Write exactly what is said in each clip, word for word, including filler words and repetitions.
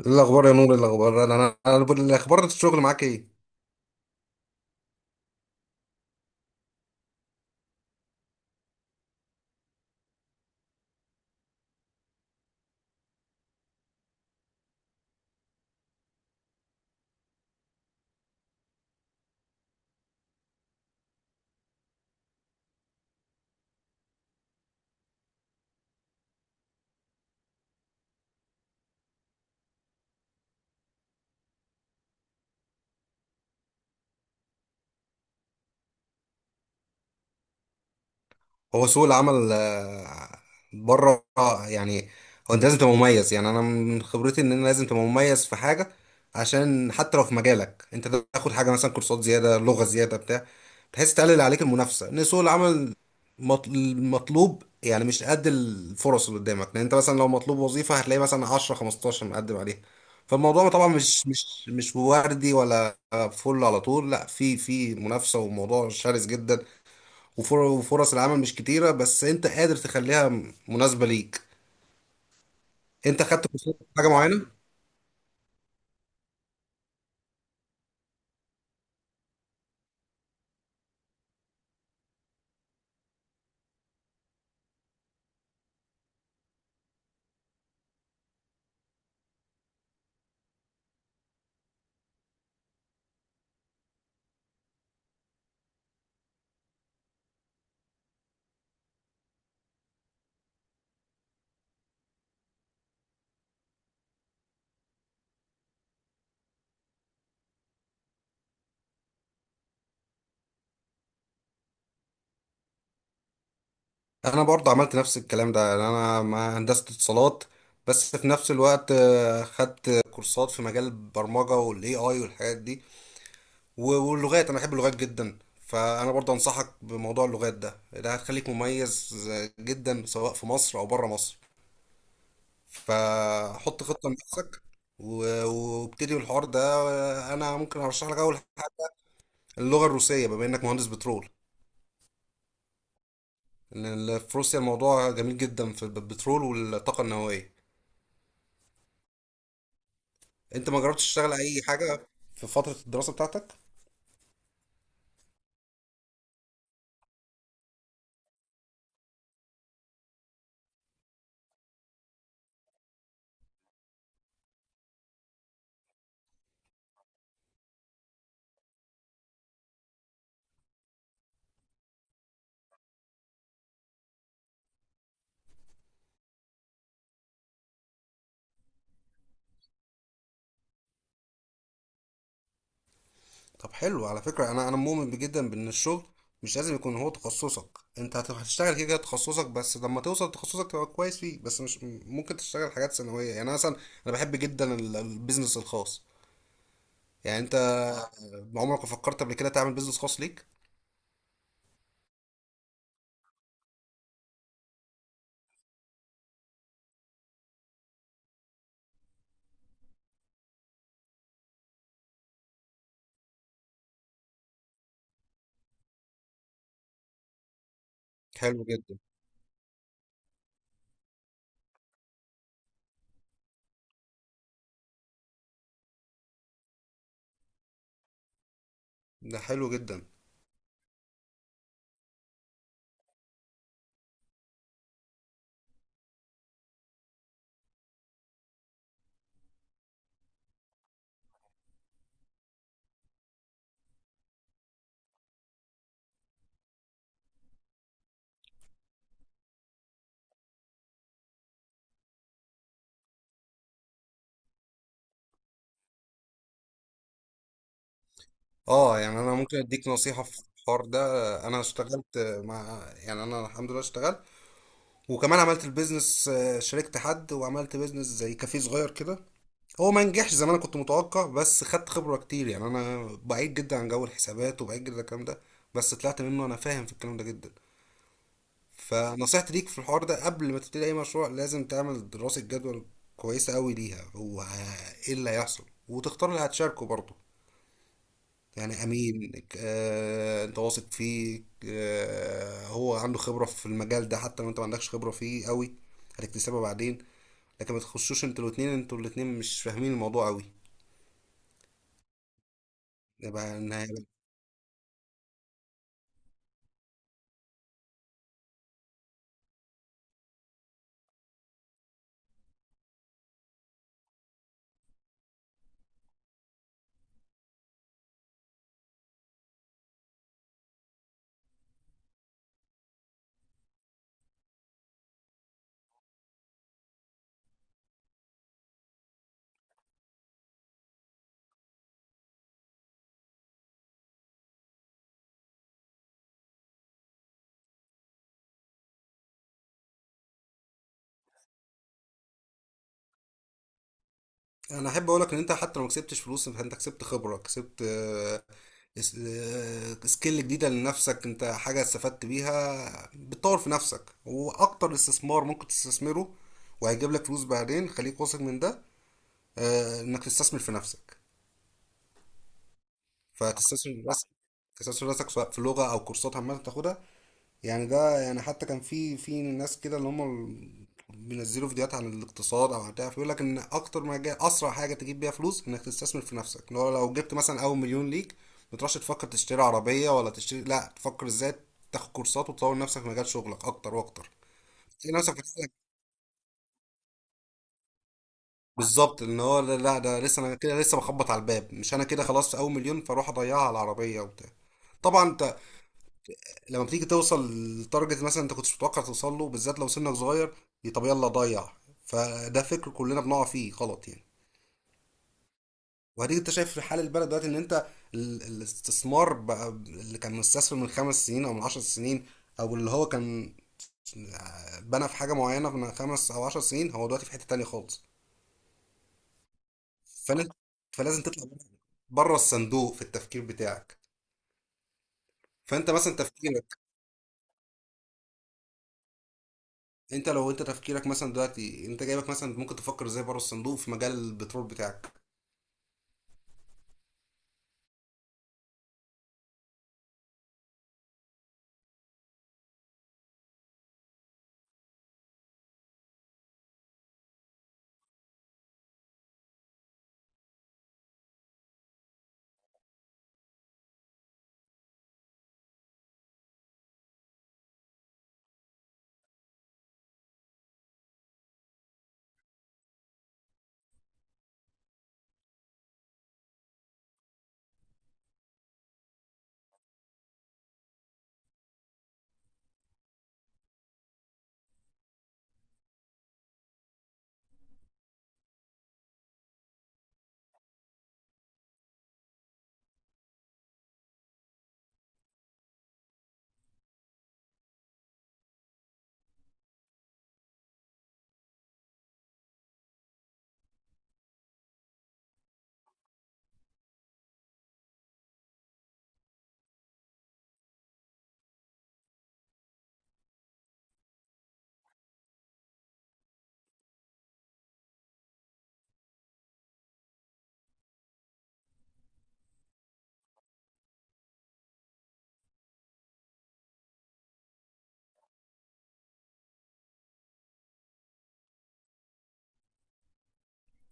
ايه الاخبار يا نور، إيه الاخبار انا انا أنا بقول- الاخبار، الشغل معاك ايه؟ هو سوق العمل آه، بره آه، يعني، هو انت لازم تبقى مميز، يعني انا من خبرتي ان انا لازم تبقى مميز في حاجه. عشان حتى لو في مجالك انت تاخد حاجه، مثلا كورسات زياده، لغه زياده بتاع، بحيث تقلل عليك المنافسه، ان سوق العمل مط- المطلوب يعني مش قد الفرص اللي قدامك، لان انت مثلا لو مطلوب وظيفه هتلاقي مثلا عشرة خمستاشر مقدم عليها. فالموضوع طبعا مش مش مش وردي ولا فل على طول، لا، في في منافسه، وموضوع شرس جدا. وفر- وفرص العمل مش كتيرة، بس انت قادر تخليها م- مناسبة ليك. انت خدت كورسات في حاجة معينة؟ انا برضه عملت نفس الكلام ده، يعني انا ما هندسة اتصالات، بس في نفس الوقت آه، خدت كورسات في مجال البرمجة والاي اي والحاجات دي. و- واللغات، انا بحب اللغات جدا، فانا برضه انصحك بموضوع اللغات ده. ده هتخليك مميز آه، جدا، سواء في مصر او بره مصر. فحط خطة لنفسك، و- وابتدي الحوار ده. آه، انا ممكن ارشح لك اول اللغة الروسية، بما انك مهندس بترول. لأن في روسيا الموضوع جميل جدا في البترول والطاقة النووية. انت ما جربتش تشتغل اي حاجة في فترة الدراسة بتاعتك؟ طب حلو على فكرة. انا انا مؤمن جدا بان الشغل مش لازم يكون هو تخصصك، انت هت- هتشتغل كده كده تخصصك، بس لما توصل لتخصصك تبقى كويس فيه، بس مش ممكن تشتغل حاجات ثانوية. يعني أنا مثلا، انا بحب جدا ال- البيزنس الخاص. يعني انت عمرك ما فكرت قبل كده تعمل بيزنس خاص ليك؟ حلو جدا. ده حلو جدا. اه، يعني انا ممكن اديك نصيحة في الحوار ده. انا اشتغلت مع يعني انا الحمد لله اشتغلت، وكمان عملت البيزنس، آه، شاركت حد وعملت بيزنس زي كافيه صغير كده. هو ما نجحش زي ما انا كنت متوقع، بس خدت خبرة كتير، يعني انا بعيد جدا عن جو الحسابات، وبعيد جدا عن الكلام ده، بس طلعت منه انا فاهم في الكلام ده جدا. فنصيحتي ليك في الحوار ده، قبل ما تبتدي اي مشروع لازم تعمل دراسة جدوى كويسة قوي ليها، هو ه- ايه اللي هيحصل، وتختار اللي هتشاركه برضه. يعني امين، آه، انت واثق فيه، آه، هو عنده خبرة في المجال ده، حتى لو انت ما عندكش خبرة فيه قوي، هتكتسبها بعدين. لكن ما تخشوش انتوا الاتنين انتوا الاتنين مش فاهمين الموضوع قوي. يبقى انا انا احب اقولك ان انت حتى لو ما كسبتش فلوس فانت كسبت خبرة، كسبت آه، اس- آه، سكيل جديدة لنفسك، انت حاجة استفدت بيها بتطور في نفسك، واكتر استثمار ممكن تستثمره وهيجيب لك فلوس بعدين. خليك واثق من ده، آه، انك تستثمر في نفسك. فتستسهل راسك، تستسهل راسك سواء في لغة أو كورسات عامة تاخدها. يعني ده، يعني حتى كان في في ناس كده اللي هم ال- بينزلوا فيديوهات عن الاقتصاد أو عن بتاع، فيقول لك إن أكتر ما جاي، أسرع حاجة تجيب بيها فلوس إنك تستثمر في نفسك، اللي هو لو جبت مثلا أول مليون ليك، ما تروحش تفكر تشتري عربية ولا تشتري، لا، تفكر إزاي تاخد كورسات وتطور نفسك في مجال شغلك أكتر وأكتر. تلاقي نفسك بتسألك بالظبط، ان هو لا لا، ده لسه، انا كده لسه بخبط على الباب، مش انا كده خلاص اول مليون فاروح اضيعها على العربيه وبتاع. طبعا انت لما بتيجي توصل لتارجت مثلا انت كنتش متوقع توصل له، بالذات لو سنك صغير، ي- طب يلا ضيع. فده فكر كلنا بنقع فيه غلط يعني. وهديك، انت شايف في حال البلد دلوقتي، ان انت ال- الاستثمار بقى، اللي كان مستثمر من خمس سنين او من عشر سنين، او اللي هو كان بنى في حاجه معينه من خمس او عشر سنين، هو دلوقتي في حته تانية خالص. فلازم فلازم تطلع بره الصندوق في التفكير بتاعك. فانت مثلا تفكيرك، انت لو انت تفكيرك مثلا دلوقتي انت جايبك مثلا، ممكن تفكر ازاي بره الصندوق في مجال البترول بتاعك.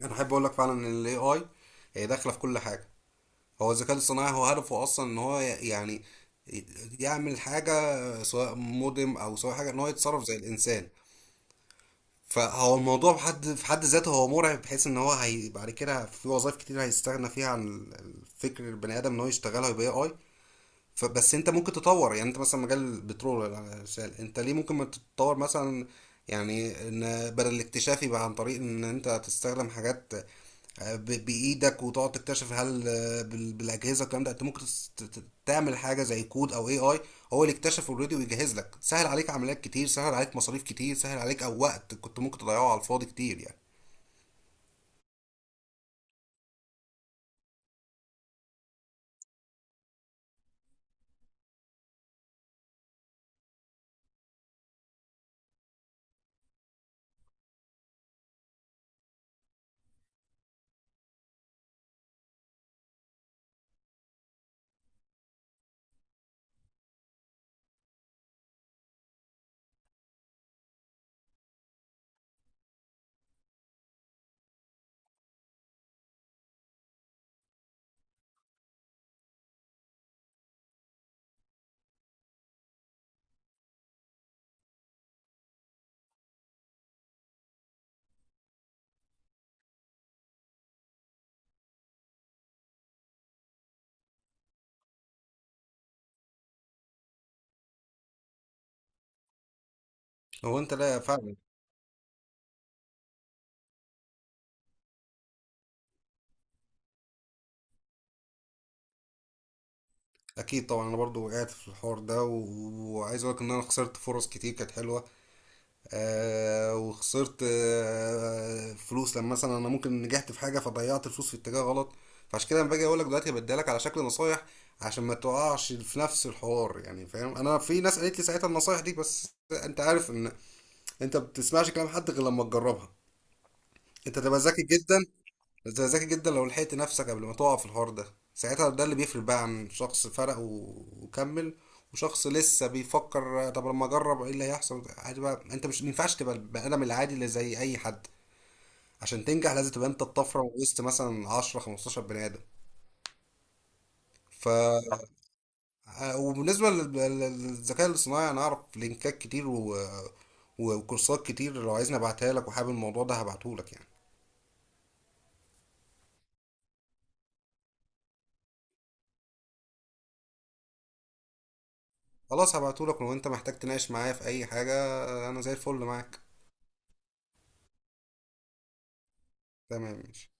انا احب اقول لك فعلا ان الاي اي هي داخله في كل حاجه. هو الذكاء الصناعي، هو هدفه اصلا ان هو يعني يعمل حاجه، سواء مودم او سواء حاجه، ان هو يتصرف زي الانسان. فهو الموضوع في حد في حد ذاته هو مرعب، بحيث ان هو، هي بعد كده في وظائف كتير هيستغنى فيها عن الفكر البني ادم ان هو يشتغلها، يبقى اي. فبس انت ممكن تطور، يعني انت مثلا مجال البترول ولا الشال انت ليه، ممكن ما تتطور مثلا؟ يعني ان بدل الاكتشاف يبقى عن طريق ان انت تستخدم حاجات آه، ب- بايدك، وتقعد تكتشف. هل بال- بالاجهزه الكلام ده انت ممكن تس- ت- ت- تعمل حاجه زي كود او اي اي، هو اللي اكتشف اوريدي ويجهز لك، سهل عليك عمليات كتير، سهل عليك مصاريف كتير، سهل عليك او وقت كنت ممكن تضيعه على الفاضي كتير يعني. هو انت، لا فعلا، اكيد طبعا انا برضو وقعت في الحوار ده، و- وعايز اقول لك ان انا خسرت فرص كتير كانت حلوه، آه وخسرت آه فلوس لما مثلا انا ممكن نجحت في حاجه، فضيعت الفلوس في اتجاه غلط. فعشان كده انا باجي اقول لك دلوقتي، هبديها لك على شكل نصايح عشان ما تقعش في نفس الحوار، يعني فاهم. انا في ناس قالت لي ساعتها النصايح دي، بس انت عارف ان انت ما بتسمعش كلام حد غير لما تجربها. انت تبقى ذكي جدا. انت ذكي جدا لو لحقت نفسك قبل ما تقع في الحوار ده، ساعتها ده اللي بيفرق بقى، عن شخص فرق و- وكمل، وشخص لسه بيفكر طب لما اجرب ايه اللي هيحصل عادي. بقى انت مش مينفعش تبقى البني ادم العادي اللي زي اي حد، عشان تنجح لازم تبقى انت الطفره وسط مثلا عشرة خمستاشر بني ادم. ف آه، وبالنسبه لل- لل- للذكاء الاصطناعي، انا اعرف لينكات كتير و... وكورسات كتير، لو عايزني ابعتها لك وحابب الموضوع ده هبعته لك يعني. خلاص هبعته لك، ولو انت محتاج تناقش معايا في اي حاجه، انا زي الفل معاك. تمام ماشي.